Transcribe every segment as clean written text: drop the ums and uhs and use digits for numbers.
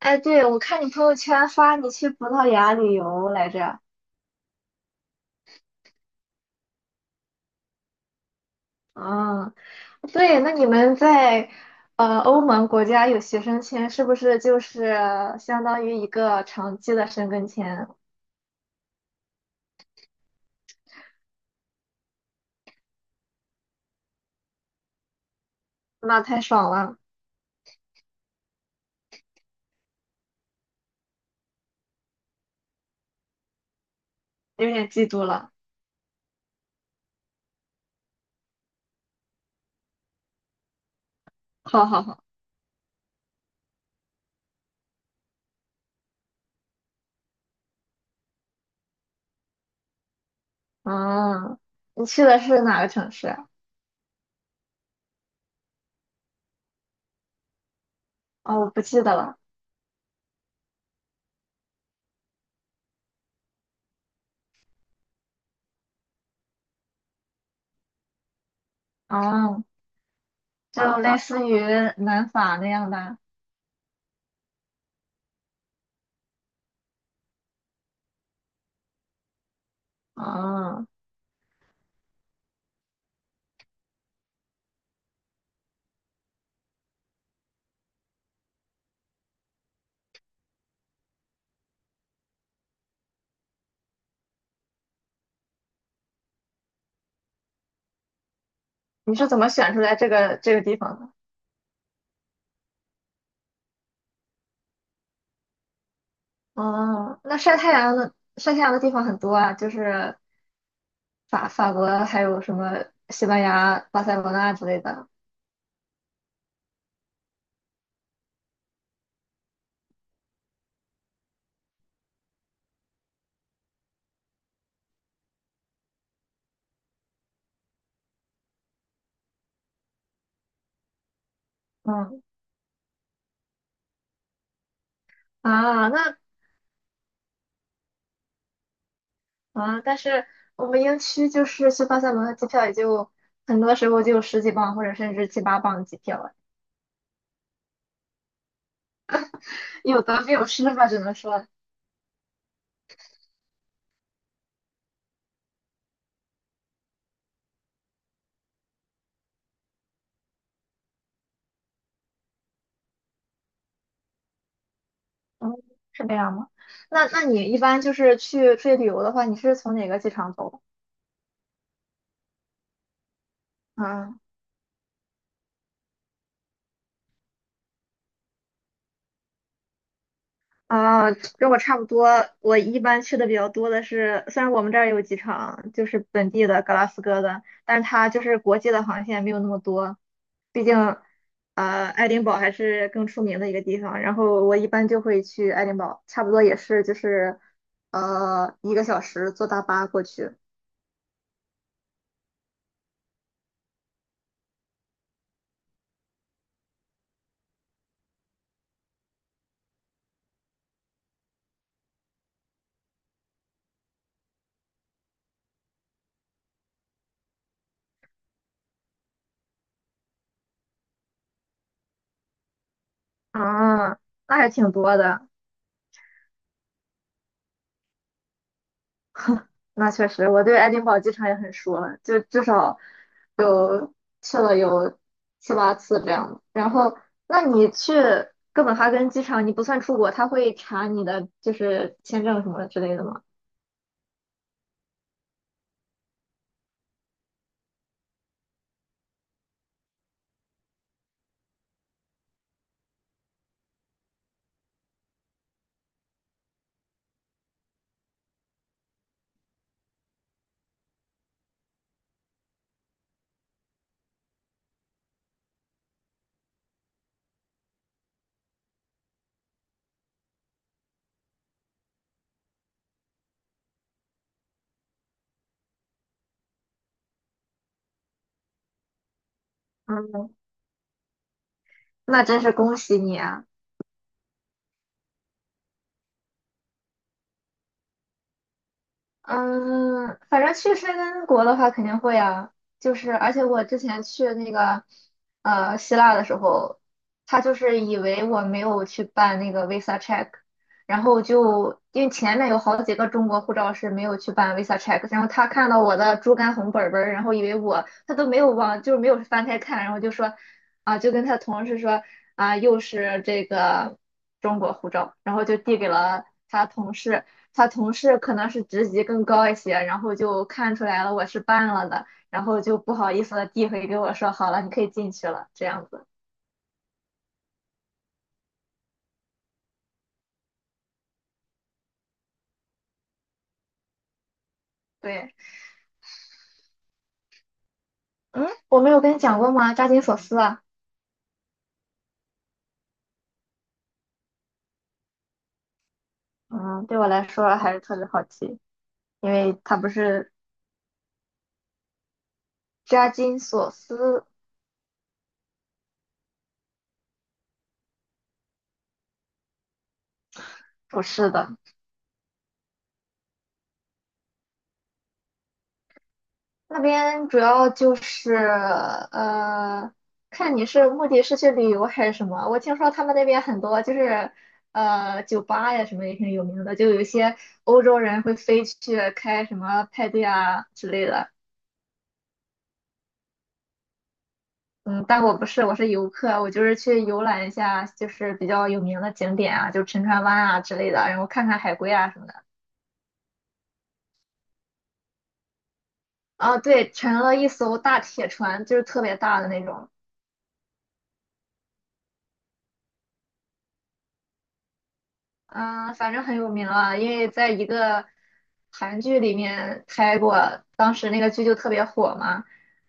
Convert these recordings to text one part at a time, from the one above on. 哎，对，我看你朋友圈发你去葡萄牙旅游来着。嗯，对，那你们在欧盟国家有学生签，是不是就是相当于一个长期的申根签？那太爽了，有点嫉妒了。好好好，嗯，你去的是哪个城市？哦，我不记得了。哦，就类似于南法那样的。哦，你是怎么选出来这个地方的？哦，那晒太阳的地方很多啊，就是法国，还有什么西班牙、巴塞罗那之类的。嗯啊，那啊，但是我们英区就是去巴塞罗那机票也就很多时候就十几磅或者甚至七八磅机票了，有得必有失吧，只能说，嗯，是这样吗？那你一般就是去出去旅游的话，你是从哪个机场走？嗯啊，跟我差不多。我一般去的比较多的是，虽然我们这儿有机场，就是本地的格拉斯哥的，但是它就是国际的航线没有那么多。毕竟，爱丁堡还是更出名的一个地方。然后我一般就会去爱丁堡，差不多也是就是，一个小时坐大巴过去。啊，那还挺多的。那确实，我对爱丁堡机场也很熟了，就至少有去了有七八次这样的然后，那你去哥本哈根机场，你不算出国，他会查你的就是签证什么之类的吗？嗯，那真是恭喜你啊！嗯，反正去申根国的话肯定会啊，就是而且我之前去那个希腊的时候，他就是以为我没有去办那个 visa check，然后就因为前面有好几个中国护照是没有去办 visa check，然后他看到我的猪肝红本本儿，然后以为我他都没有往就是没有翻开看，然后就说啊就跟他同事说啊又是这个中国护照，然后就递给了他同事。他同事可能是职级更高一些，然后就看出来了我是办了的，然后就不好意思的递回给我说，好了，你可以进去了，这样子。对，嗯，我没有跟你讲过吗？扎金索斯啊，嗯，对我来说还是特别好奇，因为他不是扎金索斯不是的。那边主要就是看你是目的是去旅游还是什么。我听说他们那边很多就是酒吧呀什么也挺有名的，就有一些欧洲人会飞去开什么派对啊之类的。嗯，但我不是，我是游客，我就是去游览一下，就是比较有名的景点啊，就沉船湾啊之类的，然后看看海龟啊什么的。啊，对，乘了一艘大铁船，就是特别大的那种。嗯，反正很有名啊，因为在一个韩剧里面拍过，当时那个剧就特别火嘛，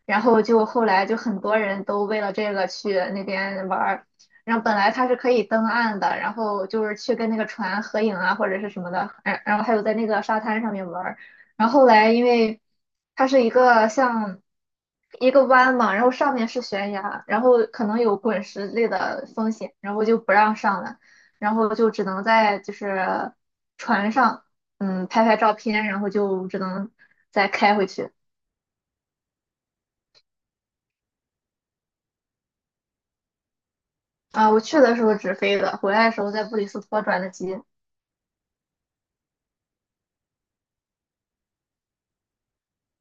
然后就后来就很多人都为了这个去那边玩儿，然后本来它是可以登岸的，然后就是去跟那个船合影啊或者是什么的，然后还有在那个沙滩上面玩儿，然后后来因为它是一个像一个湾嘛，然后上面是悬崖，然后可能有滚石类的风险，然后就不让上了。然后就只能在就是船上，嗯，拍拍照片，然后就只能再开回去。啊，我去的时候直飞的，回来的时候在布里斯托转的机。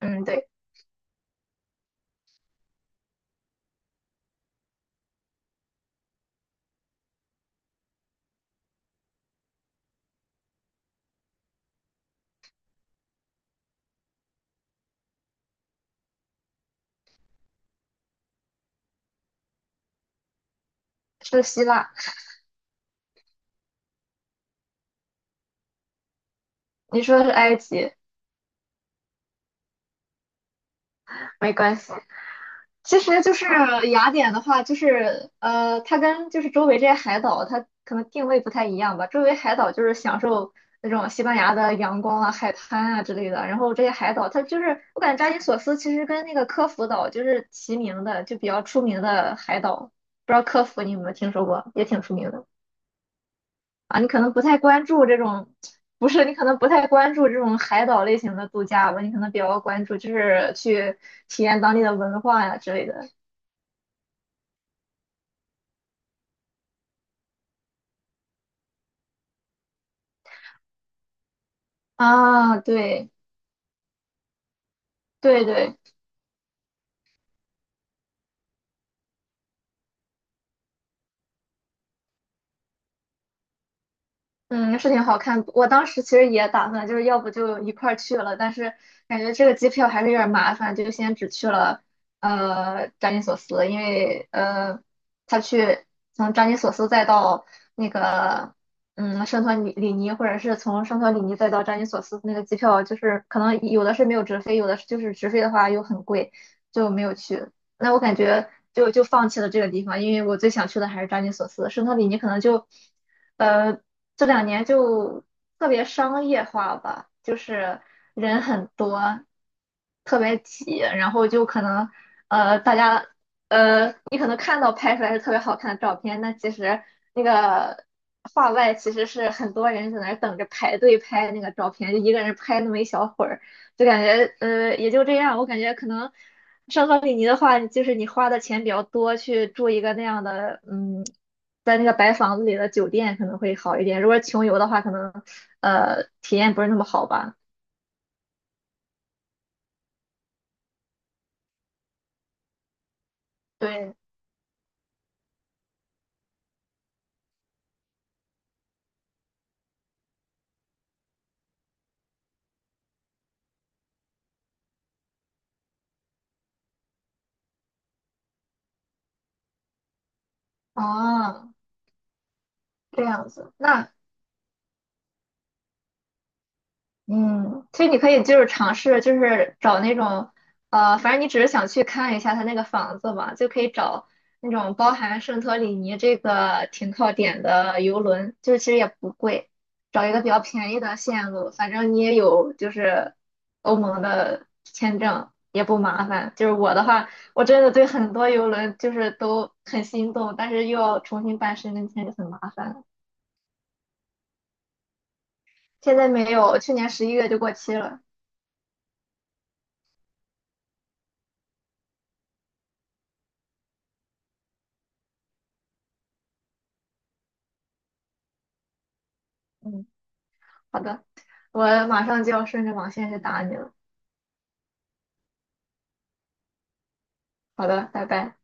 嗯，对，是希腊。你说的是埃及，没关系。其实就是雅典的话，就是呃，它跟就是周围这些海岛，它可能定位不太一样吧。周围海岛就是享受那种西班牙的阳光啊、海滩啊之类的，然后这些海岛它就是我感觉扎金索斯其实跟那个科孚岛就是齐名的，就比较出名的海岛。不知道科孚你有没有听说过，也挺出名的啊。你可能不太关注这种，不是你可能不太关注这种海岛类型的度假吧，你可能比较关注就是去体验当地的文化呀、之类的。啊，对对对，嗯，是挺好看。我当时其实也打算，就是要不就一块儿去了，但是感觉这个机票还是有点儿麻烦，就先只去了扎金索斯，因为他去从扎金索斯再到那个圣托里尼，或者是从圣托里尼再到扎金索斯那个机票，就是可能有的是没有直飞，有的是就是直飞的话又很贵，就没有去。那我感觉就放弃了这个地方，因为我最想去的还是扎金索斯。圣托里尼可能就，呃，这两年就特别商业化吧，就是人很多，特别挤，然后就可能，大家，你可能看到拍出来是特别好看的照片，那其实那个画外其实是很多人在那儿等着排队拍那个照片，就一个人拍那么一小会儿，就感觉，也就这样。我感觉可能。圣托里尼的话，就是你花的钱比较多，去住一个那样的，嗯，在那个白房子里的酒店可能会好一点。如果是穷游的话，可能体验不是那么好吧。对，哦，这样子，那嗯，其实你可以就是尝试，就是找那种，反正你只是想去看一下他那个房子嘛，就可以找那种包含圣托里尼这个停靠点的游轮，就是其实也不贵，找一个比较便宜的线路，反正你也有就是欧盟的签证，也不麻烦。就是我的话，我真的对很多游轮就是都很心动，但是又要重新办申根签就很麻烦了。现在没有，去年十一月就过期了。嗯。好的，我马上就要顺着网线去打你了。好的，拜拜。